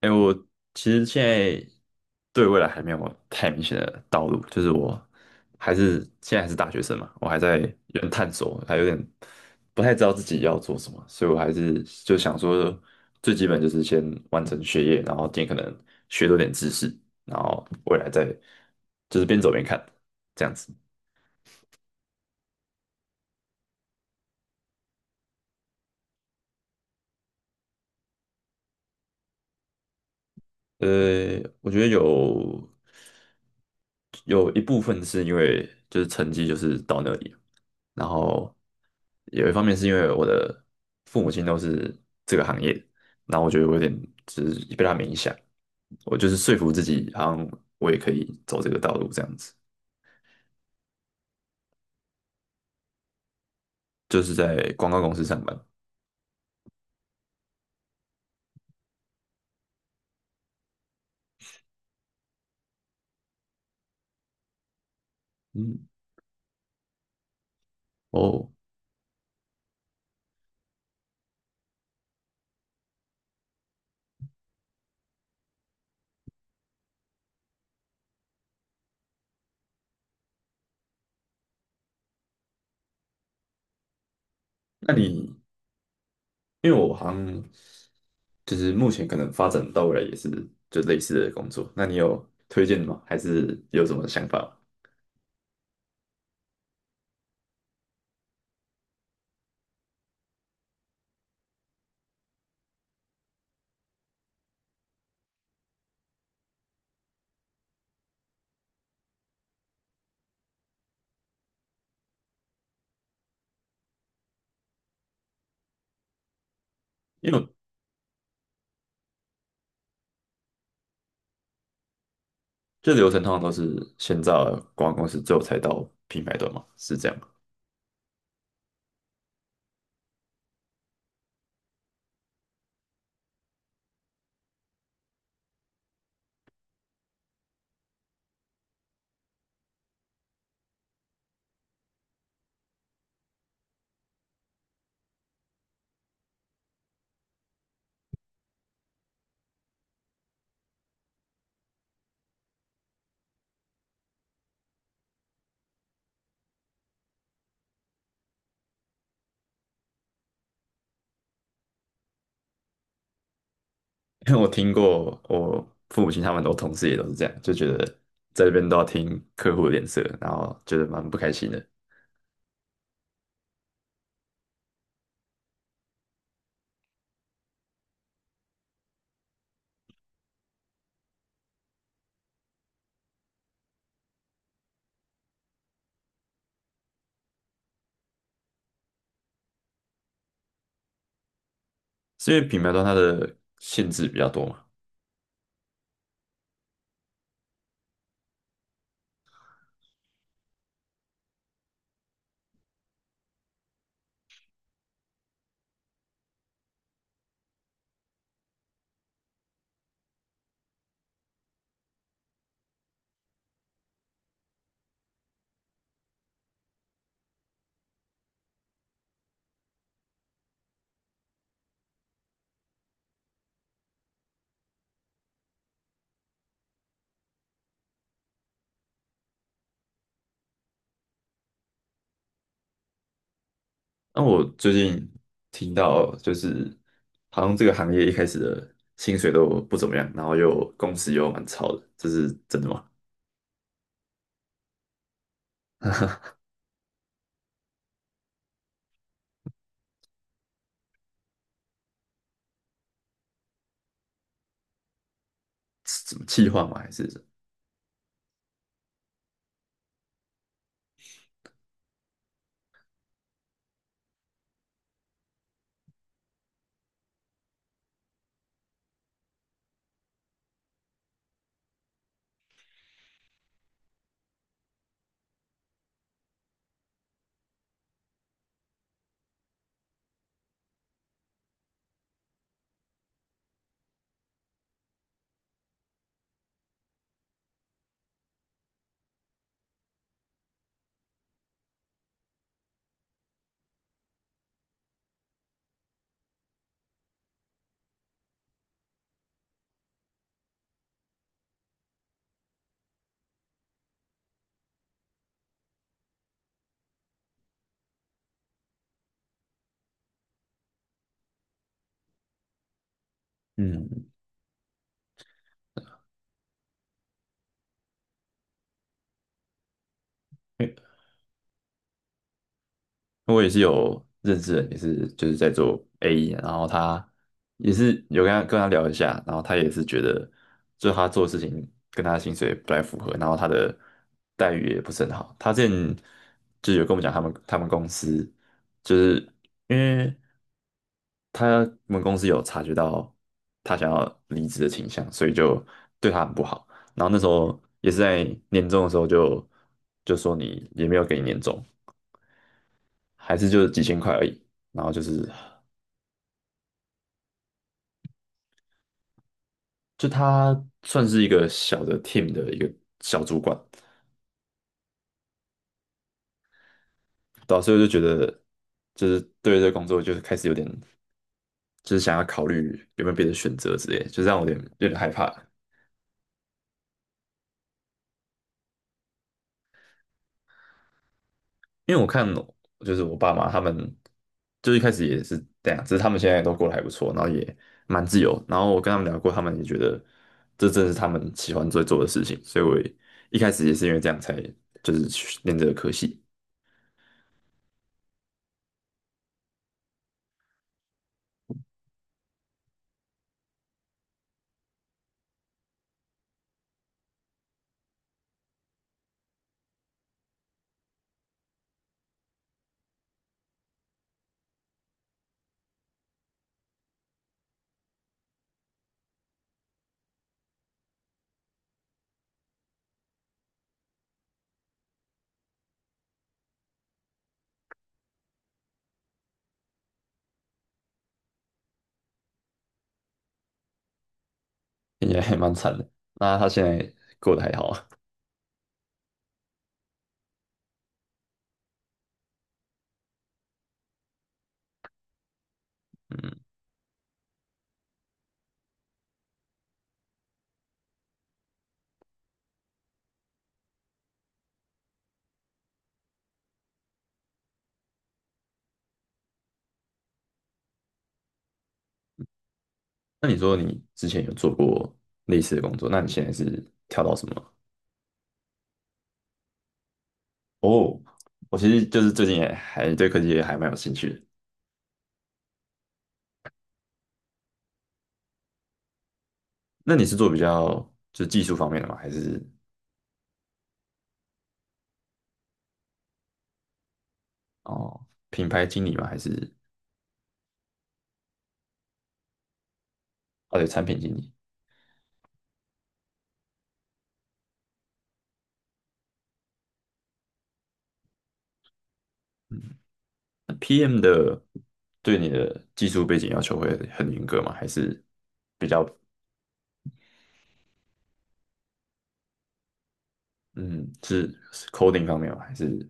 哎、我其实现在对未来还没有太明显的道路，就是我现在还是大学生嘛，我还在有点探索，还有点不太知道自己要做什么，所以我还是就想说，最基本就是先完成学业，然后尽可能学多点知识，然后未来再就是边走边看这样子。我觉得有一部分是因为就是成绩就是到那里，然后有一方面是因为我的父母亲都是这个行业，那我觉得我有点就是被他们影响，我就是说服自己，好像我也可以走这个道路这样子，就是在广告公司上班。嗯。哦。那你因为我好像就是目前可能发展到未来也是就类似的工作，那你有推荐的吗？还是有什么想法吗？因为我这流程通常都是先到广告公司，最后才到品牌端嘛，是这样。 因为我听过我父母亲他们我同事也都是这样，就觉得在这边都要听客户的脸色，然后觉得蛮不开心的，是因为品牌端它的限制比较多嘛。那我最近听到就是好像这个行业一开始的薪水都不怎么样，然后又公司又蛮超的，这是真的吗？是什么气话吗？还是什么？嗯。我也是有认识人，也是就是在做 AE,然后他也是有跟他聊一下，然后他也是觉得，就他做的事情跟他的薪水不太符合，然后他的待遇也不是很好。他之前就有跟我们讲，他们公司就是因为他们公司有察觉到他想要离职的倾向，所以就对他很不好。然后那时候也是在年终的时候就就说你也没有给你年终，还是就几千块而已。然后就是就他算是一个小的 team 的一个小主管，导时我就觉得就是对这个工作就是开始有点就是想要考虑有没有别的选择之类的，就让我有点害怕。因为我看就是我爸妈他们，就一开始也是这样，只是他们现在都过得还不错，然后也蛮自由。然后我跟他们聊过，他们也觉得这正是他们喜欢最做的事情，所以我也一开始也是因为这样才就是去念这个科系。听起来还蛮惨的。那他现在过得还好啊？嗯。那你说你之前有做过类似的工作，那你现在是跳到什么？哦，我其实就是最近也还对科技也还蛮有兴趣的。那你是做比较就是技术方面的吗？还是哦品牌经理吗？还是哦对产品经理？嗯，PM 的对你的技术背景要求会很严格吗？还是比较嗯是是 coding 方面吗？还是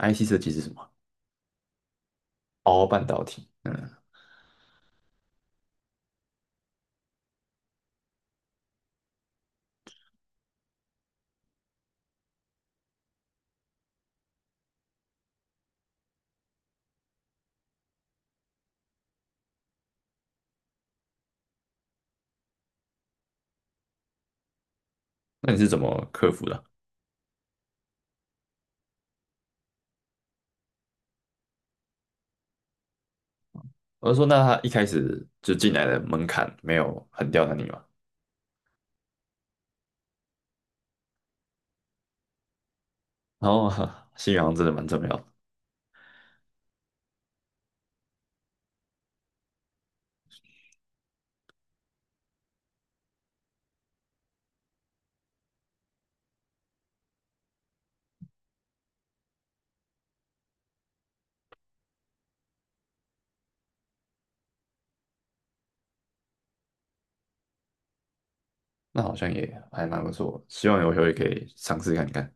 IC 设计是什么？哦，半导体。嗯。那你是怎么克服的？我就说，那他一开始就进来的门槛没有很刁难你嘛？然后 信仰真的蛮重要的，那好像也还蛮不错，希望有机会可以尝试看看。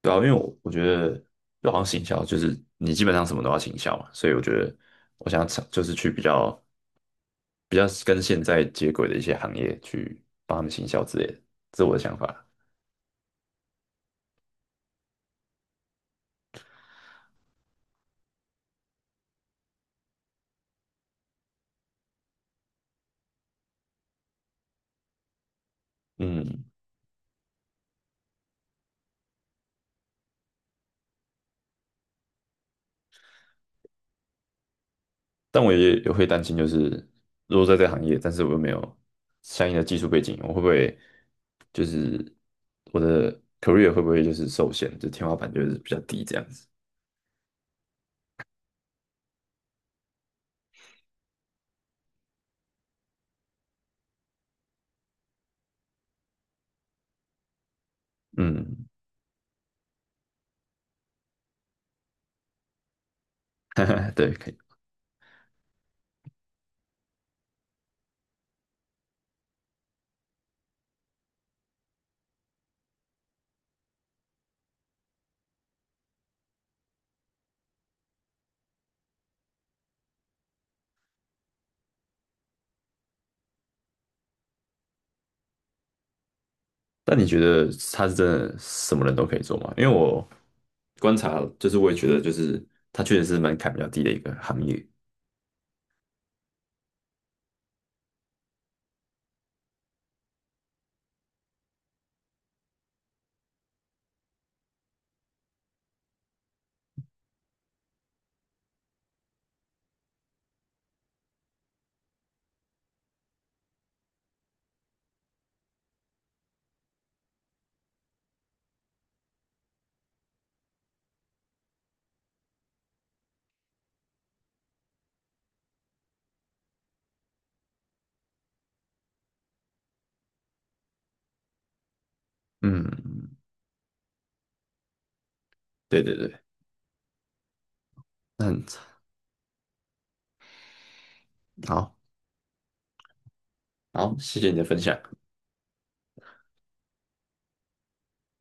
对啊，因为我觉得就好像行销，就是你基本上什么都要行销嘛，所以我觉得我想尝就是去比较跟现在接轨的一些行业去帮他们行销之类的，这是我的想法。嗯，但我也会担心，就是如果在这个行业，但是我又没有相应的技术背景，我会不会就是我的 career 会不会就是受限，就天花板就是比较低这样子？嗯。对，可以。但你觉得他是真的什么人都可以做吗？因为我观察，就是我也觉得，就是他确实是门槛比较低的一个行业。嗯。对对对。那很好。好，谢谢你的分享。